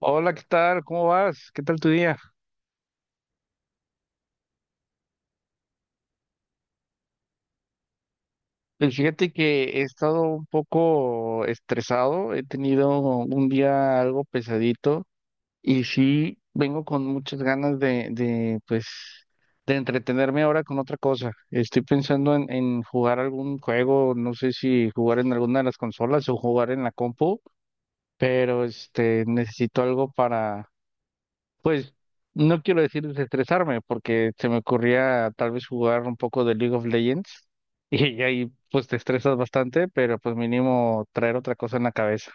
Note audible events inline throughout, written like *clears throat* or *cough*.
Hola, ¿qué tal? ¿Cómo vas? ¿Qué tal tu día? Pues fíjate que he estado un poco estresado, he tenido un día algo pesadito y sí vengo con muchas ganas de pues, de entretenerme ahora con otra cosa. Estoy pensando en jugar algún juego, no sé si jugar en alguna de las consolas o jugar en la compu, pero este necesito algo. Pues no quiero decir desestresarme, porque se me ocurría tal vez jugar un poco de League of Legends *laughs* y ahí pues te estresas bastante, pero pues mínimo traer otra cosa en la cabeza.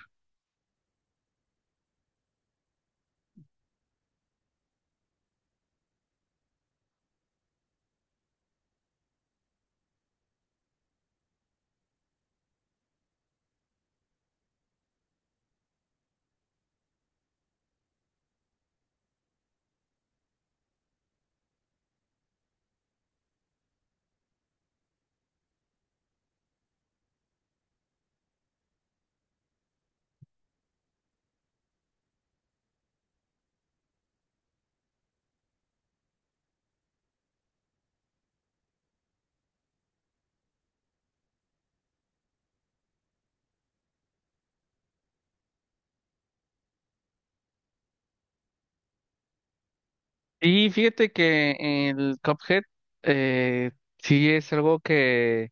Y fíjate que el Cuphead eh, sí es algo que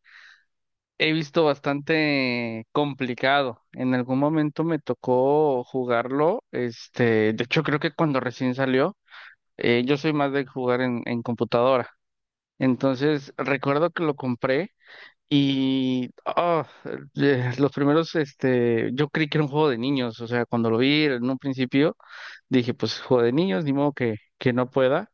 he visto bastante complicado. En algún momento me tocó jugarlo, este, de hecho creo que cuando recién salió, yo soy más de jugar en computadora. Entonces recuerdo que lo compré. Y los primeros, este, yo creí que era un juego de niños, o sea, cuando lo vi en un principio, dije, pues juego de niños, ni modo que no pueda.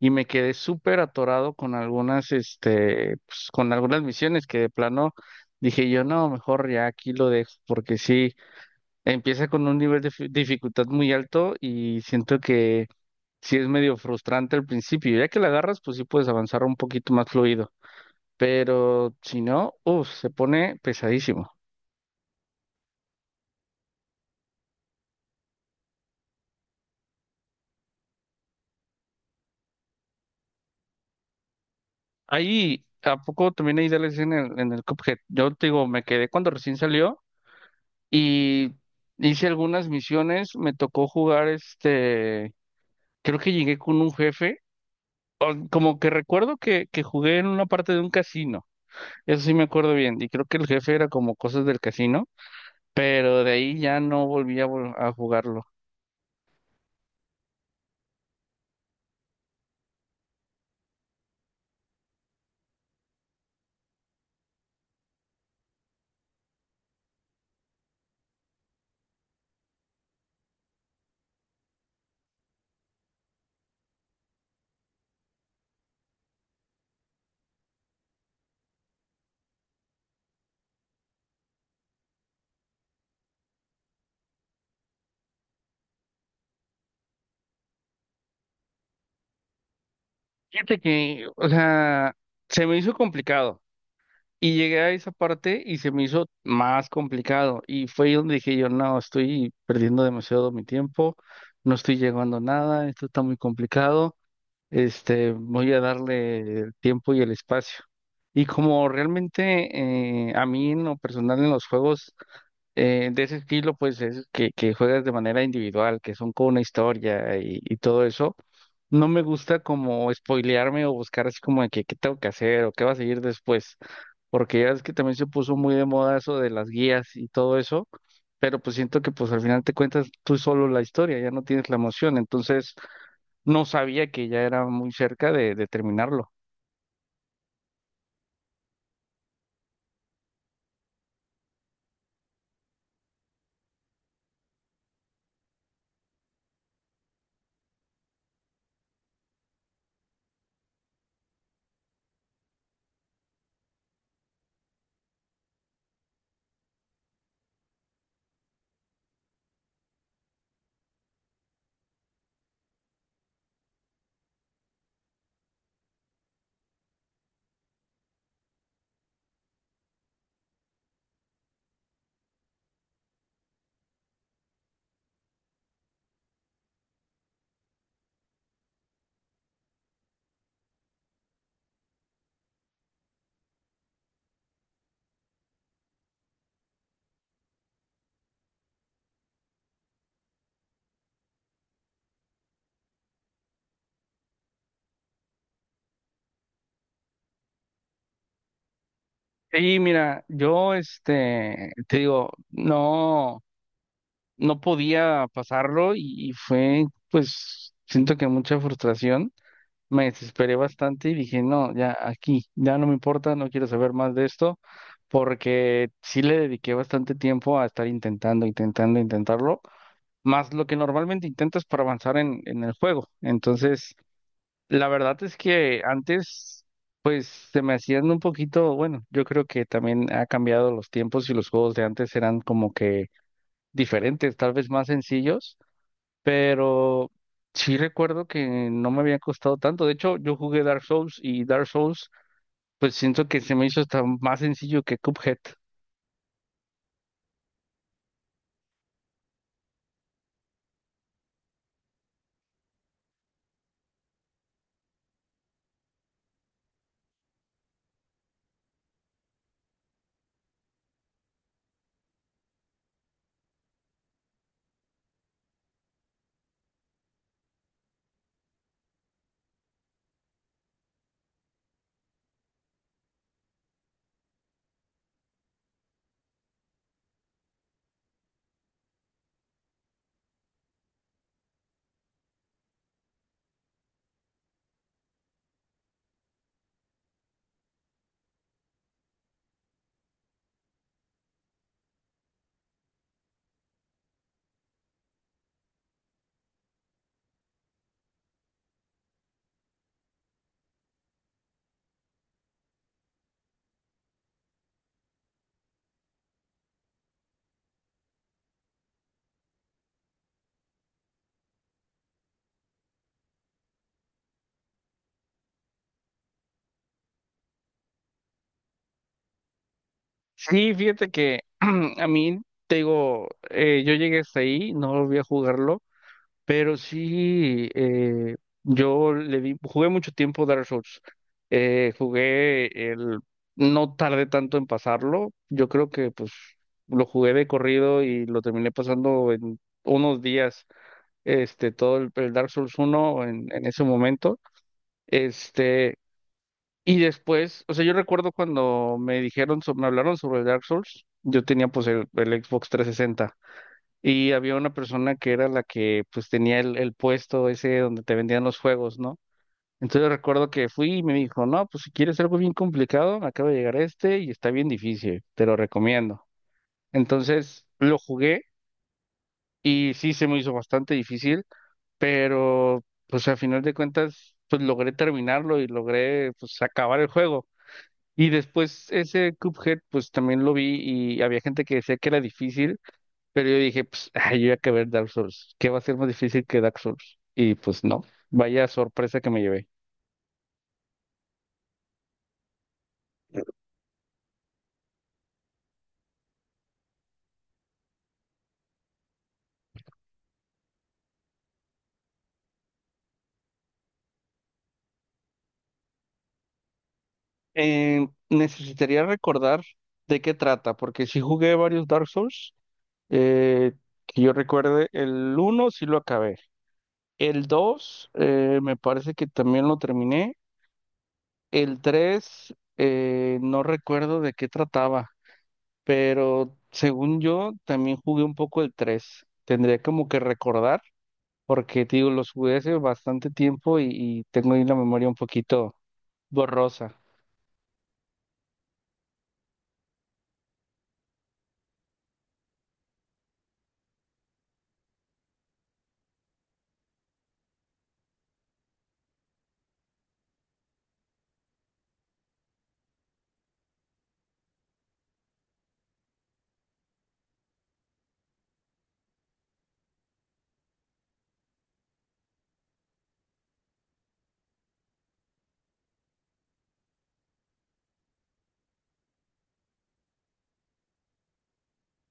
Y me quedé súper atorado con algunas, este, pues, con algunas misiones que de plano dije yo, no, mejor ya aquí lo dejo, porque sí, empieza con un nivel de dificultad muy alto y siento que sí es medio frustrante al principio. Ya que la agarras, pues sí puedes avanzar un poquito más fluido, pero si no, uff, se pone pesadísimo. Ahí, ¿a poco también hay DLCs en el Cuphead? Yo te digo, me quedé cuando recién salió y hice algunas misiones, me tocó jugar este, creo que llegué con un jefe, como que recuerdo que jugué en una parte de un casino, eso sí me acuerdo bien, y creo que el jefe era como cosas del casino, pero de ahí ya no volví a, a jugarlo. Fíjate que, o sea, se me hizo complicado. Y llegué a esa parte y se me hizo más complicado. Y fue ahí donde dije yo, no, estoy perdiendo demasiado mi tiempo, no estoy llegando a nada, esto está muy complicado, este, voy a darle el tiempo y el espacio. Y como realmente a mí en lo personal en los juegos de ese estilo, pues es que juegas de manera individual, que son con una historia y todo eso. No me gusta como spoilearme o buscar así como de que qué tengo que hacer o qué va a seguir después, porque ya es que también se puso muy de moda eso de las guías y todo eso, pero pues siento que pues al final te cuentas tú solo la historia, ya no tienes la emoción, entonces no sabía que ya era muy cerca de terminarlo. Y mira, yo este, te digo, no. No podía pasarlo y fue, pues, siento que mucha frustración. Me desesperé bastante y dije, no, ya aquí, ya no me importa, no quiero saber más de esto, porque sí le dediqué bastante tiempo a estar intentando, intentando, intentarlo, más lo que normalmente intentas para avanzar en el juego. Entonces, la verdad es que antes, pues, se me hacían un poquito, bueno, yo creo que también ha cambiado los tiempos y los juegos de antes eran como que diferentes, tal vez más sencillos, pero sí recuerdo que no me había costado tanto. De hecho, yo jugué Dark Souls y Dark Souls, pues siento que se me hizo hasta más sencillo que Cuphead. Sí, fíjate que *clears throat* a mí, te digo, yo llegué hasta ahí, no volví a jugarlo, pero sí, yo le di, jugué mucho tiempo Dark Souls. Jugué el, no tardé tanto en pasarlo, yo creo que pues lo jugué de corrido y lo terminé pasando en unos días. Este, todo el Dark Souls uno en ese momento, este, y después, o sea, yo recuerdo cuando me dijeron, me hablaron sobre el Dark Souls, yo tenía pues el Xbox 360 y había una persona que era la que pues tenía el puesto ese donde te vendían los juegos, ¿no? Entonces recuerdo que fui y me dijo, no, pues si quieres algo bien complicado, me acaba de llegar este y está bien difícil, te lo recomiendo. Entonces lo jugué y sí se me hizo bastante difícil. Pero pues a final de cuentas pues logré terminarlo y logré pues acabar el juego. Y después ese Cuphead pues también lo vi y había gente que decía que era difícil, pero yo dije pues ay, yo ya acabé el Dark Souls, ¿qué va a ser más difícil que Dark Souls? Y pues no, vaya sorpresa que me llevé. Necesitaría recordar de qué trata, porque si jugué varios Dark Souls, eh, que yo recuerde, el uno sí lo acabé, el 2 me parece que también lo terminé. El 3, no recuerdo de qué trataba, pero según yo también jugué un poco el 3. Tendría como que recordar, porque te digo, los jugué hace bastante tiempo y tengo ahí la memoria un poquito borrosa.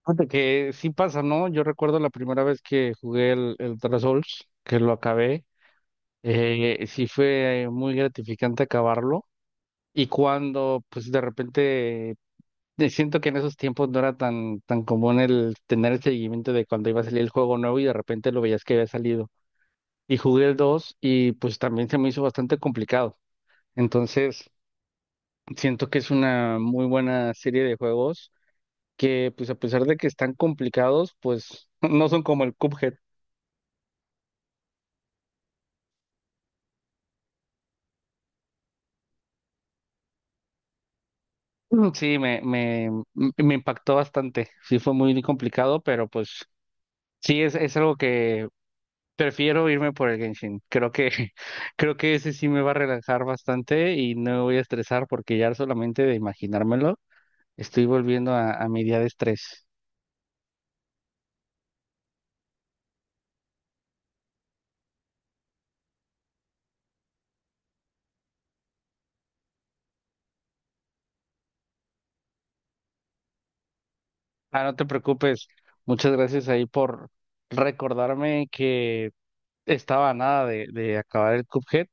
Fíjate que sí pasa, ¿no? Yo recuerdo la primera vez que jugué el Dark Souls, que lo acabé. Sí fue muy gratificante acabarlo. Y cuando pues de repente siento que en esos tiempos no era tan, tan común el tener el seguimiento de cuando iba a salir el juego nuevo y de repente lo veías que había salido. Y jugué el 2 y pues también se me hizo bastante complicado. Entonces, siento que es una muy buena serie de juegos que pues a pesar de que están complicados, pues *laughs* no son como el Cuphead. Mm, sí, me impactó bastante. Sí, fue muy complicado, pero pues sí, es algo que prefiero irme por el Genshin. Creo que, *laughs* creo que ese sí me va a relajar bastante y no me voy a estresar porque ya solamente de imaginármelo estoy volviendo a mi día de estrés. Ah, no te preocupes. Muchas gracias ahí por recordarme que estaba a nada de acabar el Cuphead.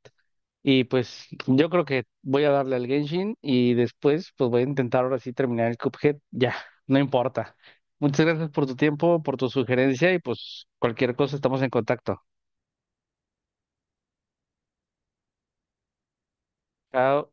Y pues yo creo que voy a darle al Genshin y después pues voy a intentar ahora sí terminar el Cuphead. Ya, no importa. Muchas gracias por tu tiempo, por tu sugerencia y pues cualquier cosa estamos en contacto. Chao.